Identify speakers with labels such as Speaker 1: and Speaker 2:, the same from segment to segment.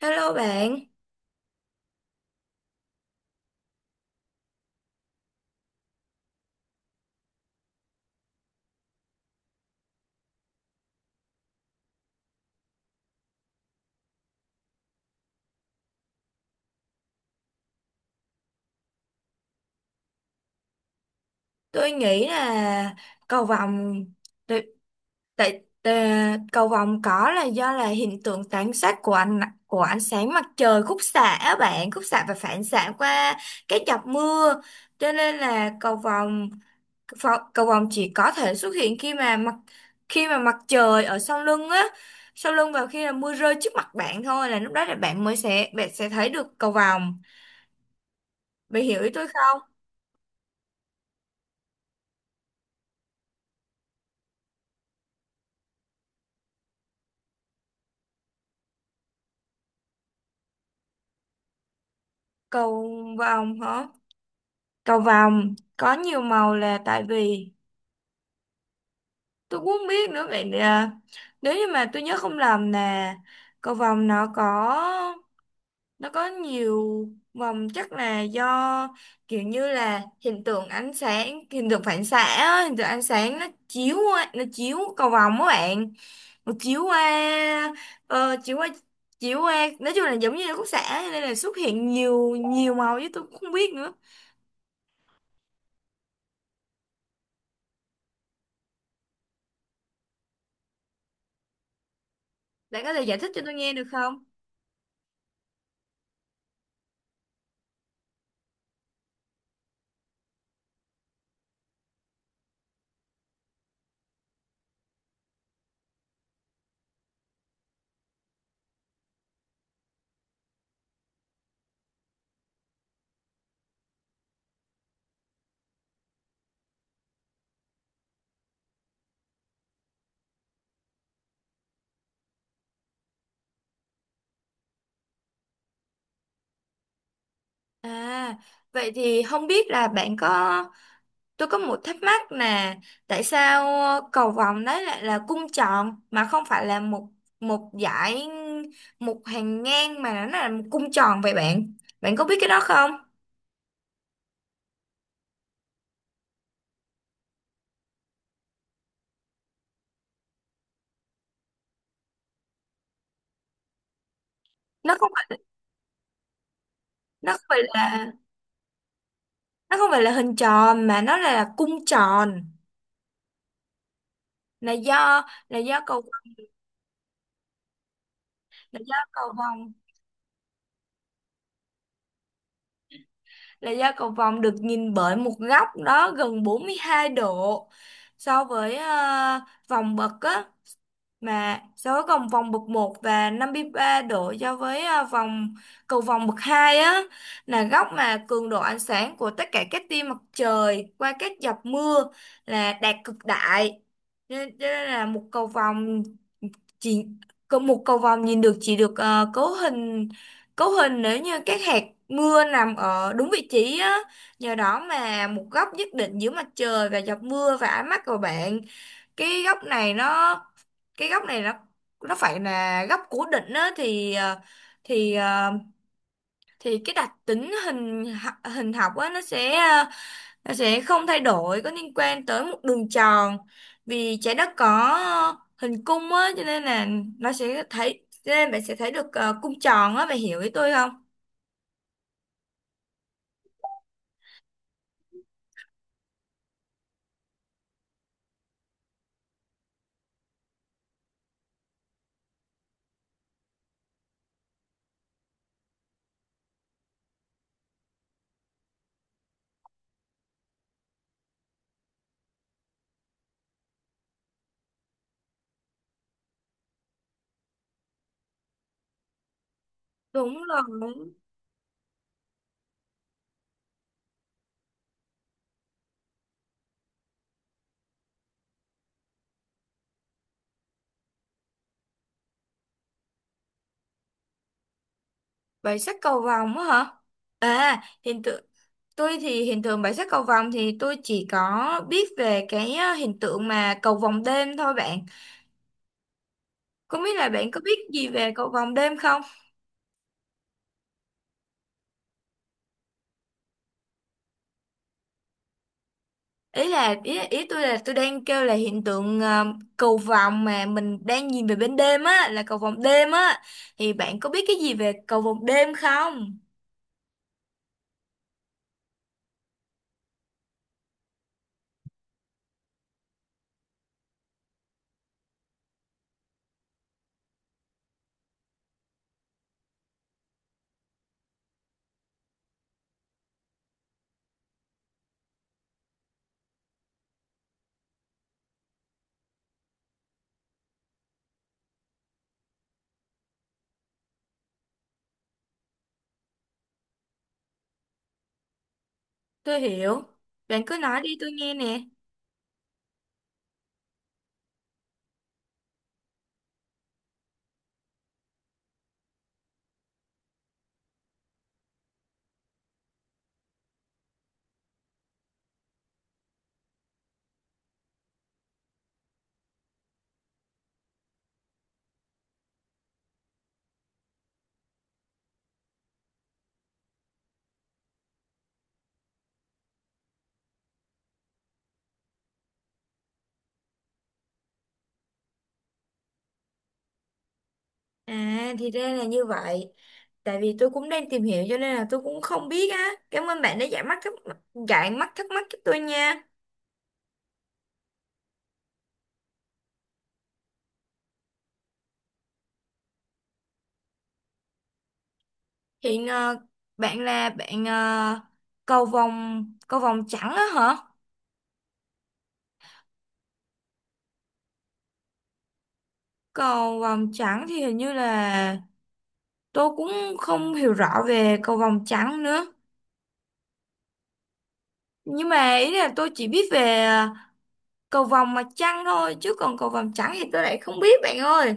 Speaker 1: Hello bạn, tôi nghĩ là cầu vồng tại tại- tà- cầu vồng có là do là hiện tượng tán sát của ánh sáng mặt trời khúc xạ á bạn, khúc xạ và phản xạ qua cái giọt mưa. Cho nên là cầu vồng chỉ có thể xuất hiện khi mà mặt trời ở sau lưng á, sau lưng và khi là mưa rơi trước mặt bạn thôi, là lúc đó là bạn sẽ thấy được cầu vồng. Bạn hiểu ý tôi không? Cầu vồng hả? Cầu vồng có nhiều màu là tại vì tôi cũng không biết nữa vậy à, nếu như mà tôi nhớ không lầm nè, cầu vồng nó có nhiều vòng, chắc là do kiểu như là hiện tượng ánh sáng, hiện tượng phản xạ á, hiện tượng ánh sáng nó chiếu cầu vồng các bạn, nó chiếu qua ờ, chiếu qua chiếu qua, nói chung là giống như là khúc xạ nên là xuất hiện nhiều nhiều màu chứ tôi cũng không biết nữa. Bạn có thể giải thích cho tôi nghe được không? À, vậy thì không biết là bạn có, tôi có một thắc mắc là tại sao cầu vồng đấy lại là cung tròn mà không phải là một một dải, một hàng ngang, mà nó là một cung tròn vậy bạn? Bạn có biết cái đó không? Nó không phải nó không phải là nó không phải là hình tròn mà là cung tròn. là do là do cầu là do cầu vồng là do cầu vồng được nhìn bởi một góc đó gần 42 độ so với vòng bậc á, mà so với vòng vòng bậc một và 53 độ so với vòng bậc 2 á, là góc mà cường độ ánh sáng của tất cả các tia mặt trời qua các giọt mưa là đạt cực đại. Cho nên là một cầu vồng chỉ có một cầu vồng nhìn được, chỉ được cấu hình nếu như các hạt mưa nằm ở đúng vị trí á, nhờ đó mà một góc nhất định giữa mặt trời và giọt mưa và ánh mắt của bạn, cái góc này nó cái góc này nó phải là góc cố định á, thì ờ, thì cái đặc tính hình học á nó sẽ, nó sẽ không thay đổi có liên quan tới một đường tròn, vì trái đất có ờ, hình cung á, cho nên là nó sẽ thấy cho nên bạn sẽ thấy được cung tròn á, bạn hiểu ý tôi không? Đúng rồi. Bảy sắc cầu vồng á hả? À hiện tượng Tôi thì hiện tượng bảy sắc cầu vồng thì tôi chỉ có biết về cái hiện tượng mà cầu vồng đêm thôi bạn. Không biết là bạn có biết gì về cầu vồng đêm không? Ý tôi là tôi đang kêu là hiện tượng cầu vồng mà mình đang nhìn về bên đêm á, là cầu vồng đêm á, thì bạn có biết cái gì về cầu vồng đêm không? Tôi hiểu, bạn cứ nói đi, tôi nghe nè. À, thì ra là như vậy. Tại vì tôi cũng đang tìm hiểu cho nên là tôi cũng không biết á. Cảm ơn bạn đã giải mắt thắc mắc cho tôi nha. hiện ờ, bạn là bạn ờ, Cầu vồng trắng á hả? Cầu vồng trắng thì hình như là tôi cũng không hiểu rõ về cầu vồng trắng nữa, nhưng mà ý là tôi chỉ biết về cầu vồng mặt trăng thôi, chứ còn cầu vồng trắng thì tôi lại không biết bạn ơi.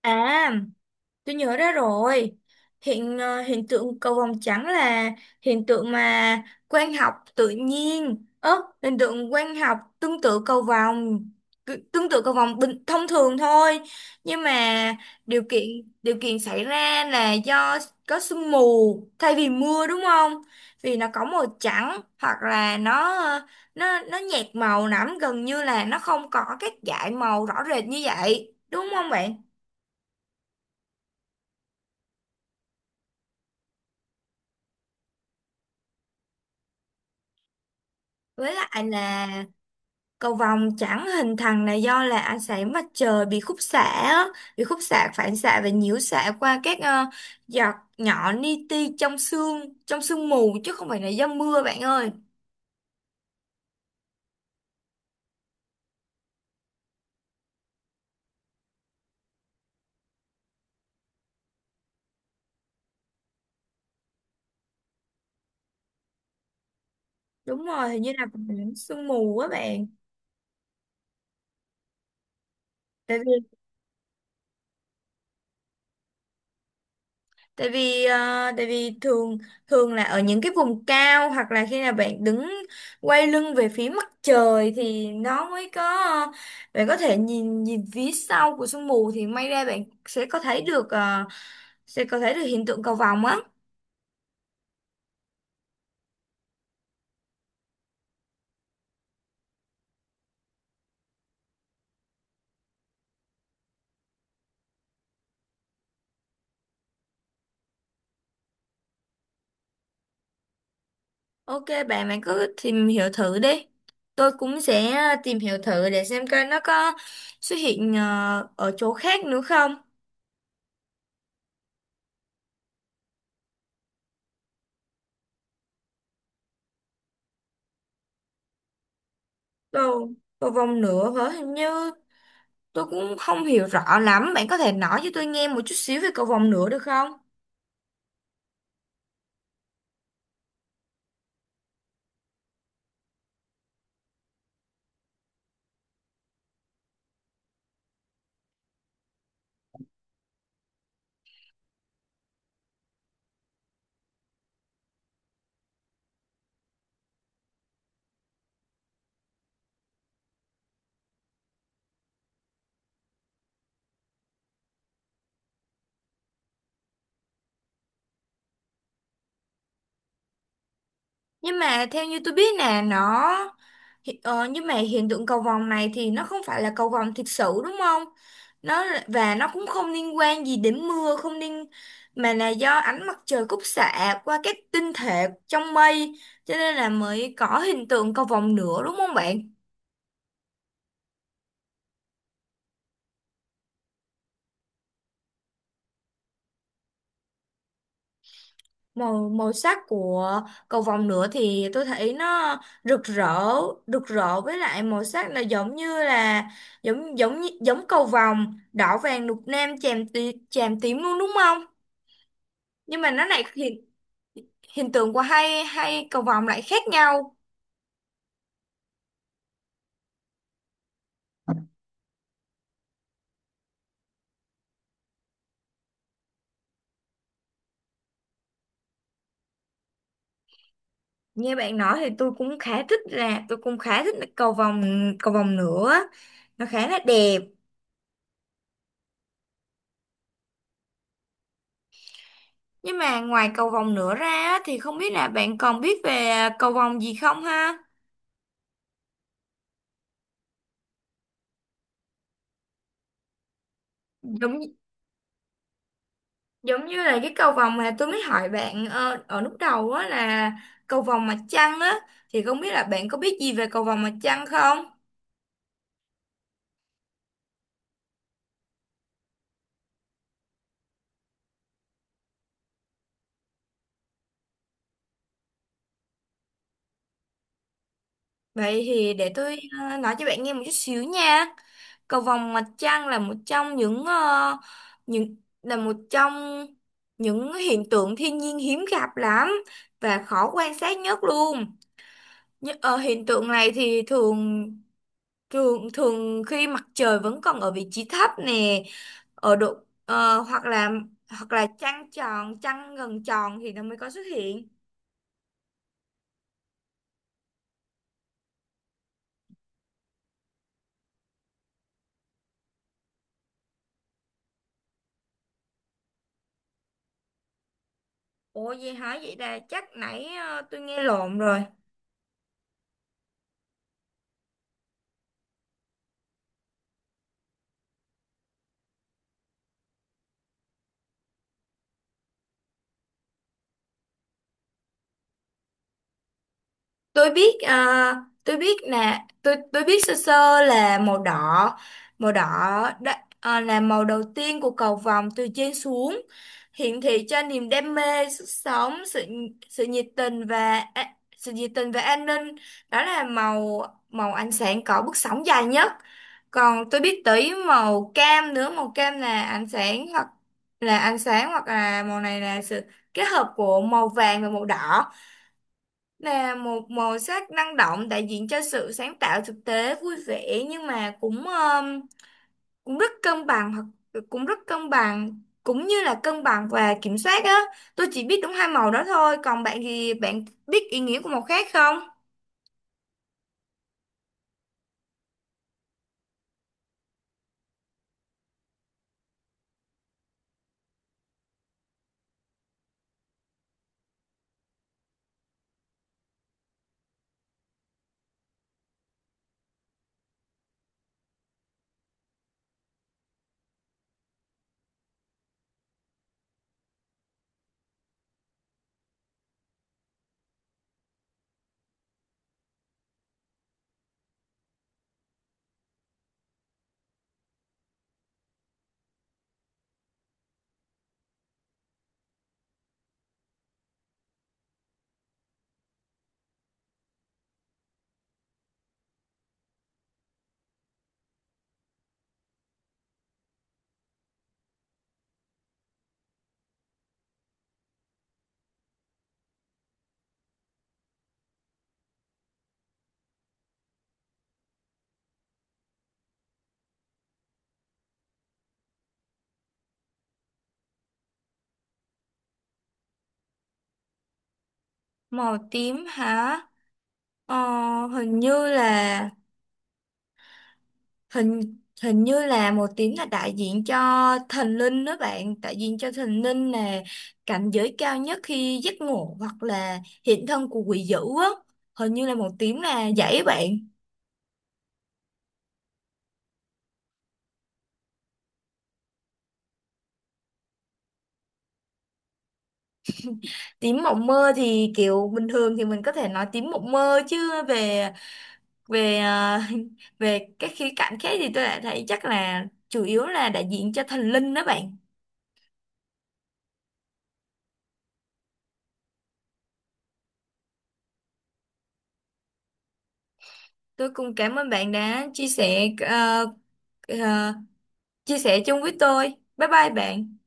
Speaker 1: À, tôi nhớ ra rồi. Hiện tượng cầu vồng trắng là hiện tượng mà quang học tự nhiên. Hiện tượng quang học tương tự cầu vồng, tương tự cầu vồng bình thông thường thôi. Nhưng mà điều kiện xảy ra là do có sương mù thay vì mưa, đúng không? Vì nó có màu trắng, hoặc là nó nhạt màu lắm, gần như là nó không có các dải màu rõ rệt như vậy. Đúng không bạn? Với lại là cầu vồng chẳng hình thành là do là ánh sáng mặt trời bị khúc xạ á, bị khúc xạ, phản xạ và nhiễu xạ qua các giọt nhỏ li ti trong sương mù, chứ không phải là do mưa bạn ơi. Đúng rồi, hình như là sương mù á bạn. tại vì tại vì ờ, Tại vì thường, thường là ở những cái vùng cao, hoặc là khi nào bạn đứng quay lưng về phía mặt trời thì nó mới có, bạn có thể nhìn nhìn phía sau của sương mù thì may ra bạn sẽ có thấy được, hiện tượng cầu vồng á. Ok bạn bạn cứ tìm hiểu thử đi, tôi cũng sẽ tìm hiểu thử để xem coi nó có xuất hiện ở chỗ khác nữa không. Cầu Cầu vồng nữa hả? Hình như tôi cũng không hiểu rõ lắm, bạn có thể nói cho tôi nghe một chút xíu về cầu vồng nữa được không? Nhưng mà theo như tôi biết nè, nhưng mà hiện tượng cầu vồng này thì nó không phải là cầu vồng thực sự, đúng không? Và nó cũng không liên quan gì đến mưa, không liên mà là do ánh mặt trời khúc xạ qua các tinh thể trong mây, cho nên là mới có hiện tượng cầu vồng nữa, đúng không bạn? Màu Màu sắc của cầu vồng nữa thì tôi thấy nó rực rỡ, với lại màu sắc là giống như là giống giống như- giống cầu vồng: đỏ, vàng, lục, lam, chàm, chàm tím luôn, đúng không? Nhưng mà nó lại hiện hiện tượng của hai hai cầu vồng lại khác nhau. Nghe bạn nói thì tôi cũng khá thích, cầu vồng nữa, nó khá là đẹp. Nhưng mà ngoài cầu vồng nữa ra á, thì không biết là bạn còn biết về cầu vồng gì không ha? Đúng, giống như là cái cầu vồng mà tôi mới hỏi bạn ở lúc đầu á, là cầu vồng mặt trăng á, thì không biết là bạn có biết gì về cầu vồng mặt trăng không? Vậy thì để tôi nói cho bạn nghe một chút xíu nha. Cầu vồng mặt trăng là một trong những những là một trong những hiện tượng thiên nhiên hiếm gặp lắm và khó quan sát nhất luôn. Hiện tượng này thì thường, thường khi mặt trời vẫn còn ở vị trí thấp nè, ở độ, hoặc là trăng tròn, trăng gần tròn thì nó mới có xuất hiện. Ủa gì hả? Vậy là chắc nãy tôi nghe lộn rồi. Tôi biết, tôi biết nè, tôi biết sơ sơ là màu đỏ. màu đỏ Đó, à, là màu đầu tiên của cầu vồng từ trên xuống, hiển thị cho niềm đam mê, sức sống, sự, nhiệt tình, và sự nhiệt tình và an ninh. Đó là màu, ánh sáng có bước sóng dài nhất. Còn tôi biết tới màu cam nữa. Màu cam là ánh sáng, hoặc là ánh sáng hoặc là màu này là sự kết hợp của màu vàng và màu đỏ, là một màu sắc năng động đại diện cho sự sáng tạo, thực tế, vui vẻ, nhưng mà cũng, cũng rất cân bằng, cũng như là cân bằng và kiểm soát á. Tôi chỉ biết đúng hai màu đó thôi, còn bạn thì bạn biết ý nghĩa của màu khác không? Màu tím hả? ờ, Hình như là, hình hình như là một tiếng là đại diện cho thần linh đó bạn. Đại diện cho thần linh là cảnh giới cao nhất khi giấc ngủ, hoặc là hiện thân của quỷ dữ á. Hình như là một tiếng là vậy á bạn. Tiếng mộng mơ thì kiểu bình thường thì mình có thể nói tiếng mộng mơ, chứ về, về ờ, về các khía cạnh khác thì tôi lại thấy chắc là chủ yếu là đại diện cho thần linh đó bạn. Tôi cũng cảm ơn bạn đã chia sẻ, ờ, chia sẻ chung với tôi. Bye bye bạn.